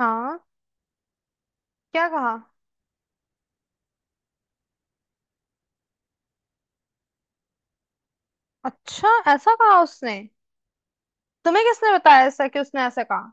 हाँ। क्या कहा? अच्छा, ऐसा कहा उसने? तुम्हें किसने बताया ऐसा कि उसने ऐसा कहा?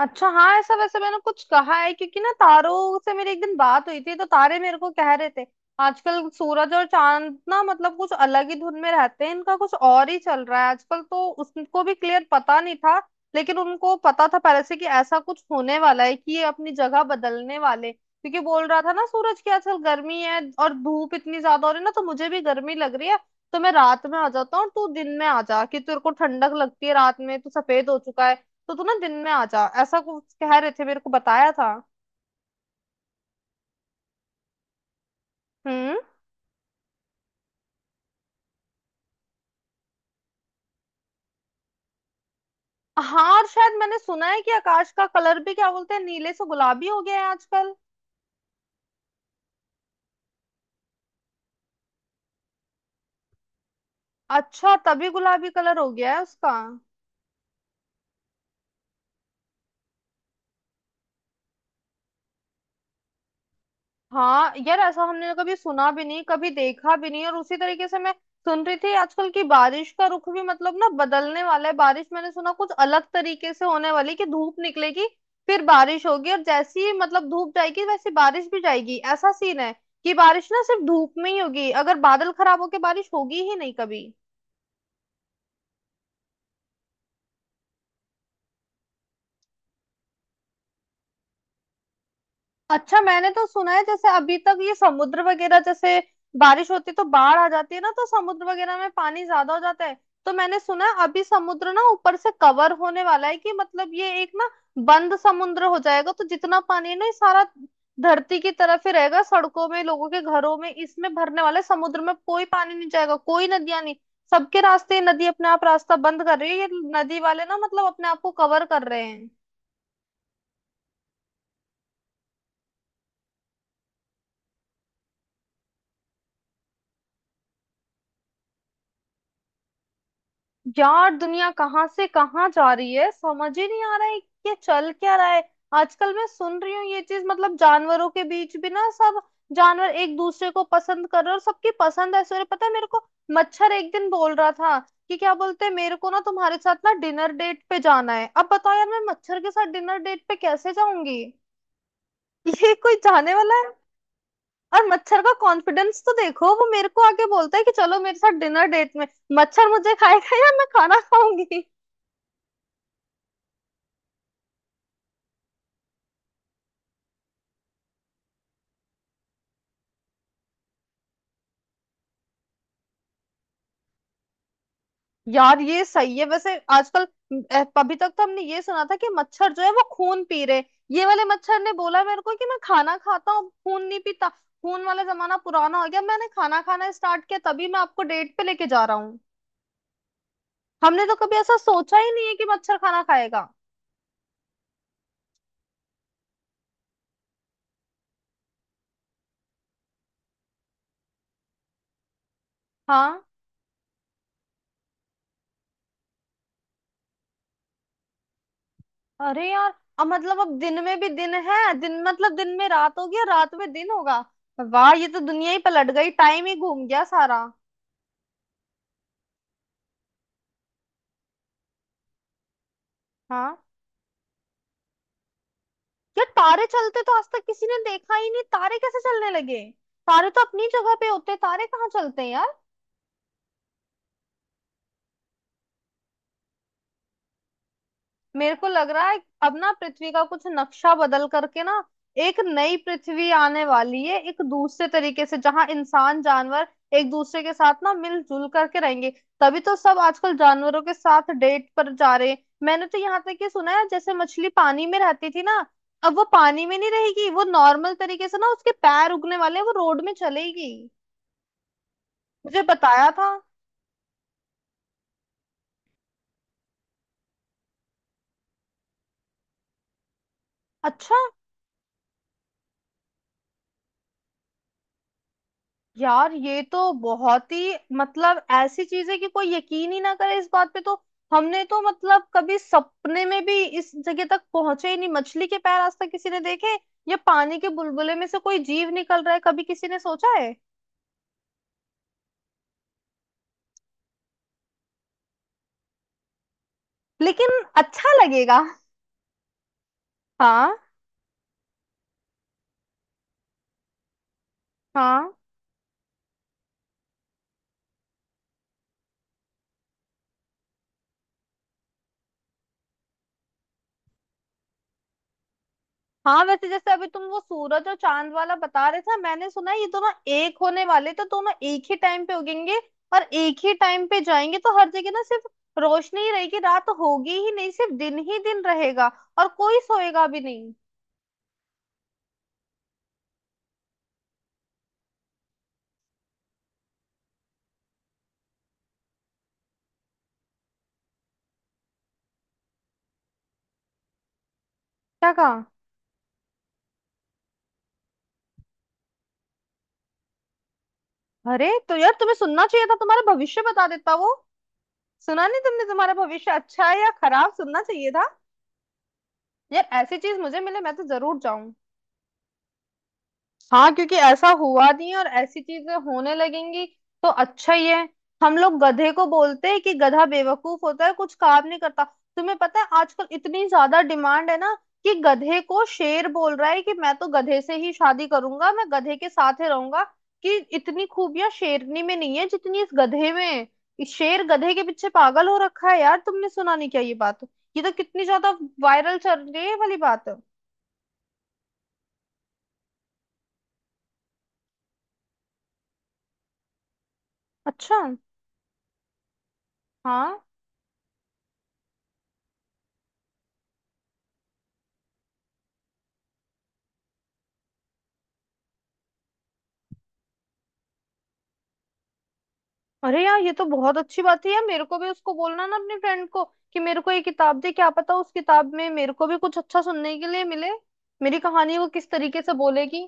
अच्छा हाँ, ऐसा वैसे मैंने कुछ कहा है क्योंकि ना, तारों से मेरी एक दिन बात हुई थी, तो तारे मेरे को कह रहे थे आजकल सूरज और चांद ना मतलब कुछ अलग ही धुन में रहते हैं, इनका कुछ और ही चल रहा है आजकल। तो उसको भी क्लियर पता नहीं था, लेकिन उनको पता था पहले से कि ऐसा कुछ होने वाला है कि ये अपनी जगह बदलने वाले, क्योंकि बोल रहा था ना सूरज की आजकल गर्मी है और धूप इतनी ज्यादा हो रही है ना, तो मुझे भी गर्मी लग रही है। तो मैं रात में आ जाता हूँ और तू दिन में आ जा, कि तेरे को ठंडक लगती है रात में, तू सफेद हो चुका है तो तू ना दिन में आ जा, ऐसा कुछ कह रहे थे मेरे को, बताया था। हम्म। हाँ, और शायद मैंने सुना है कि आकाश का कलर भी, क्या बोलते हैं, नीले से गुलाबी हो गया है आजकल। अच्छा, तभी गुलाबी कलर हो गया है उसका। हाँ यार, ऐसा हमने तो कभी सुना भी नहीं, कभी देखा भी नहीं। और उसी तरीके से मैं सुन रही थी आजकल की बारिश का रुख भी मतलब ना बदलने वाला है। बारिश मैंने सुना कुछ अलग तरीके से होने वाली कि धूप निकलेगी, फिर बारिश होगी, और जैसी ही मतलब धूप जाएगी वैसी बारिश भी जाएगी, ऐसा सीन है। कि बारिश ना सिर्फ धूप में ही होगी, अगर बादल खराब होके बारिश होगी ही नहीं कभी। अच्छा, मैंने तो सुना है जैसे अभी तक ये समुद्र वगैरह, जैसे बारिश होती है तो बाढ़ आ जाती है ना, तो समुद्र वगैरह में पानी ज्यादा हो जाता है। तो मैंने सुना है अभी समुद्र ना ऊपर से कवर होने वाला है, कि मतलब ये एक ना बंद समुद्र हो जाएगा, तो जितना पानी है ना ये सारा धरती की तरफ ही रहेगा, सड़कों में, लोगों के घरों में इसमें भरने वाला है, समुद्र में कोई पानी नहीं जाएगा, कोई नदियां नहीं, सबके रास्ते ये नदी अपने आप रास्ता बंद कर रही है, ये नदी वाले ना मतलब अपने आप को कवर कर रहे हैं। यार, दुनिया कहाँ से कहाँ जा रही है, समझ ही नहीं आ रहा है कि ये चल क्या रहा है। आजकल मैं सुन रही हूँ ये चीज, मतलब जानवरों के बीच भी ना, सब जानवर एक दूसरे को पसंद कर रहे हैं और सबकी पसंद ऐसे हो रही है। पता है मेरे को, मच्छर एक दिन बोल रहा था कि क्या बोलते हैं, मेरे को ना तुम्हारे साथ ना डिनर डेट पे जाना है। अब बताओ यार, मैं मच्छर के साथ डिनर डेट पे कैसे जाऊंगी? ये कोई जाने वाला है? और मच्छर का कॉन्फिडेंस तो देखो, वो मेरे को आके बोलता है कि चलो मेरे साथ डिनर डेट में। मच्छर मुझे खाएगा या मैं खाना खाऊंगी? यार ये सही है वैसे आजकल। अभी तक तो हमने ये सुना था कि मच्छर जो है वो खून पी रहे, ये वाले मच्छर ने बोला मेरे को कि मैं खाना खाता हूँ, खून नहीं पीता, खून वाला जमाना पुराना हो गया, मैंने खाना खाना स्टार्ट किया, तभी मैं आपको डेट पे लेके जा रहा हूँ। हमने तो कभी ऐसा सोचा ही नहीं है कि मच्छर खाना खाएगा। हाँ। अरे यार, अब मतलब अब दिन में भी दिन है, दिन मतलब दिन में रात हो गया, रात में दिन होगा। वाह, ये तो दुनिया ही पलट गई, टाइम ही घूम गया सारा। हाँ। यार, तारे चलते तो आज तक किसी ने देखा ही नहीं, तारे कैसे चलने लगे? तारे तो अपनी जगह पे होते हैं, तारे कहाँ चलते हैं यार। मेरे को लग रहा है अब ना पृथ्वी का कुछ नक्शा बदल करके ना एक नई पृथ्वी आने वाली है, एक दूसरे तरीके से जहाँ इंसान जानवर एक दूसरे के साथ ना मिलजुल करके रहेंगे। तभी तो सब आजकल जानवरों के साथ डेट पर जा रहे हैं। मैंने तो यहाँ तक ये सुना है जैसे मछली पानी में रहती थी ना, अब वो पानी में नहीं रहेगी, वो नॉर्मल तरीके से ना उसके पैर उगने वाले हैं, वो रोड में चलेगी। मुझे बताया था। अच्छा। यार ये तो बहुत ही मतलब ऐसी चीज है कि कोई यकीन ही ना करे इस बात पे तो। हमने तो मतलब कभी सपने में भी इस जगह तक पहुंचे ही नहीं, मछली के पैर आज तक किसी ने देखे, या पानी के बुलबुले में से कोई जीव निकल रहा है कभी किसी ने सोचा है? लेकिन अच्छा लगेगा। हाँ। हाँ, हाँ, वैसे जैसे अभी तुम वो सूरज और चांद वाला बता रहे थे, मैंने सुना है ये दोनों एक होने वाले, तो दोनों एक ही टाइम पे उगेंगे और एक ही टाइम पे जाएंगे, तो हर जगह ना सिर्फ रोशनी ही रहेगी, रात होगी ही नहीं, सिर्फ दिन ही दिन रहेगा, और कोई सोएगा भी नहीं। क्या कहा? अरे तो यार, तुम्हें सुनना चाहिए था, तुम्हारा भविष्य बता देता वो। सुना नहीं तुमने? तुम्हारा भविष्य अच्छा है या खराब, सुनना चाहिए था। यार ऐसी चीज मुझे मिले, मैं तो जरूर जाऊं। हाँ, क्योंकि ऐसा हुआ नहीं और ऐसी चीजें होने लगेंगी तो अच्छा ही है। हम लोग गधे को बोलते हैं कि गधा बेवकूफ होता है, कुछ काम नहीं करता। तुम्हें पता है आजकल इतनी ज्यादा डिमांड है ना कि गधे को शेर बोल रहा है कि मैं तो गधे से ही शादी करूंगा, मैं गधे के साथ ही रहूंगा, कि इतनी खूबियां शेरनी में नहीं है जितनी इस गधे में है। इस शेर गधे के पीछे पागल हो रखा है। यार, तुमने सुना नहीं क्या ये बात? ये तो कितनी ज्यादा वायरल चल रही है ये वाली बात। अच्छा। हाँ। अरे यार, ये तो बहुत अच्छी बात है। यार मेरे को भी उसको बोलना ना, अपने फ्रेंड को कि मेरे को ये किताब दे, क्या पता उस किताब में मेरे को भी कुछ अच्छा सुनने के लिए मिले, मेरी कहानी वो किस तरीके से बोलेगी।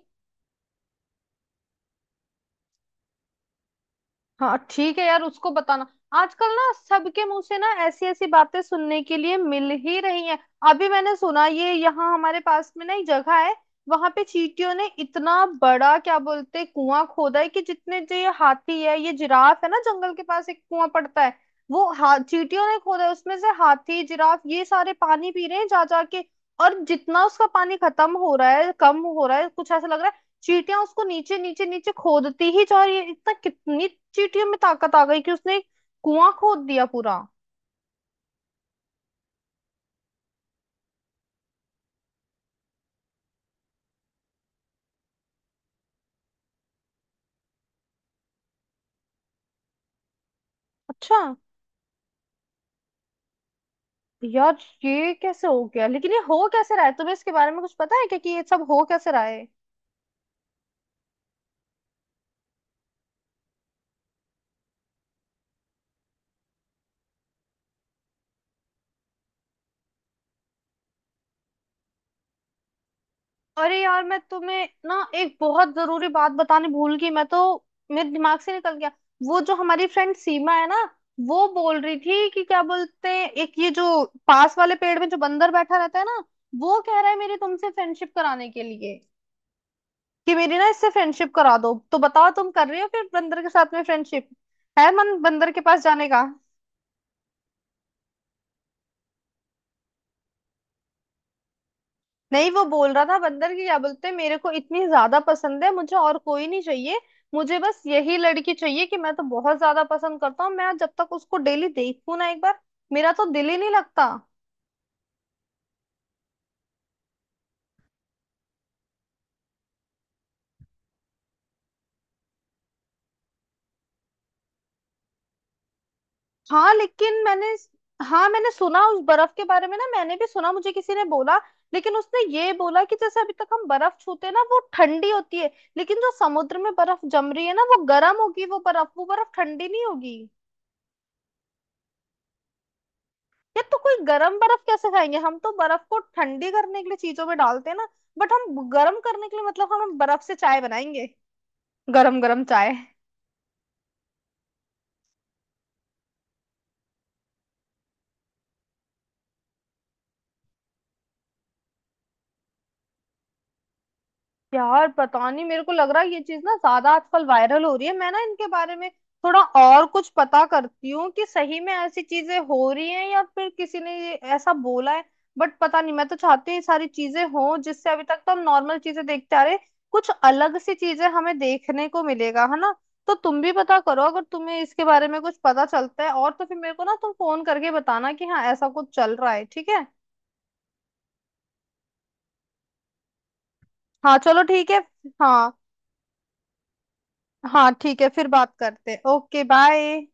हाँ ठीक है यार, उसको बताना। आजकल ना सबके मुंह से ना ऐसी ऐसी बातें सुनने के लिए मिल ही रही हैं। अभी मैंने सुना, ये यहाँ हमारे पास में ना एक जगह है, वहां पे चींटियों ने इतना बड़ा, क्या बोलते हैं, कुआं खोदा है। कि जितने जो ये हाथी है, ये जिराफ है ना, जंगल के पास एक कुआं पड़ता है, वो हा चींटियों ने खोदा है, उसमें से हाथी जिराफ ये सारे पानी पी रहे हैं जा जा के। और जितना उसका पानी खत्म हो रहा है, कम हो रहा है, कुछ ऐसा लग रहा है चींटियां उसको नीचे नीचे नीचे खोदती ही जा रही है। इतना, कितनी चींटियों में ताकत आ गई कि उसने एक कुआं खोद दिया पूरा। अच्छा। यार ये कैसे हो गया, लेकिन ये हो कैसे रहा है? तुम्हें इसके बारे में कुछ पता है क्या कि ये सब हो कैसे रहा है? अरे यार, मैं तुम्हें ना एक बहुत जरूरी बात बताने भूल गई मैं तो, मेरे दिमाग से निकल गया। वो जो हमारी फ्रेंड सीमा है ना, वो बोल रही थी कि क्या बोलते हैं, एक ये जो पास वाले पेड़ में जो बंदर बैठा रहता है ना, वो कह रहा है मेरी तुमसे फ्रेंडशिप कराने के लिए, कि मेरी ना इससे फ्रेंडशिप करा दो। तो बताओ, तुम कर रहे हो फिर बंदर के साथ में फ्रेंडशिप? है मन बंदर के पास जाने का? नहीं, वो बोल रहा था बंदर की, क्या बोलते हैं, मेरे को इतनी ज्यादा पसंद है, मुझे और कोई नहीं चाहिए, मुझे बस यही लड़की चाहिए, कि मैं तो बहुत ज्यादा पसंद करता हूँ, मैं जब तक उसको डेली देखूं ना एक बार, मेरा तो दिल ही नहीं लगता। हाँ लेकिन मैंने हाँ, मैंने सुना उस बर्फ के बारे में ना, मैंने भी सुना, मुझे किसी ने बोला। लेकिन उसने ये बोला कि जैसे अभी तक हम बर्फ छूते हैं ना वो ठंडी होती है, लेकिन जो समुद्र में बर्फ जम रही है ना वो गर्म होगी, वो बर्फ, वो बर्फ ठंडी नहीं होगी। यार तो कोई गर्म बर्फ कैसे खाएंगे? हम तो बर्फ को ठंडी करने के लिए चीजों में डालते हैं ना, बट हम गर्म करने के लिए, मतलब हम बर्फ से चाय बनाएंगे, गरम गरम चाय। यार पता नहीं, मेरे को लग रहा है ये चीज ना ज्यादा आजकल वायरल हो रही है। मैं ना इनके बारे में थोड़ा और कुछ पता करती हूँ कि सही में ऐसी चीजें हो रही हैं या फिर किसी ने ये ऐसा बोला है। बट पता नहीं, मैं तो चाहती हूँ ये सारी चीजें हों, जिससे अभी तक तो हम नॉर्मल चीजें देखते आ रहे हैं, कुछ अलग सी चीजें हमें देखने को मिलेगा, है ना। तो तुम भी पता करो, अगर तुम्हें इसके बारे में कुछ पता चलता है और, तो फिर मेरे को ना तुम फोन करके बताना कि हाँ ऐसा कुछ चल रहा है, ठीक है। हाँ, चलो ठीक है। हाँ, हाँ ठीक है, फिर बात करते हैं, ओके बाय।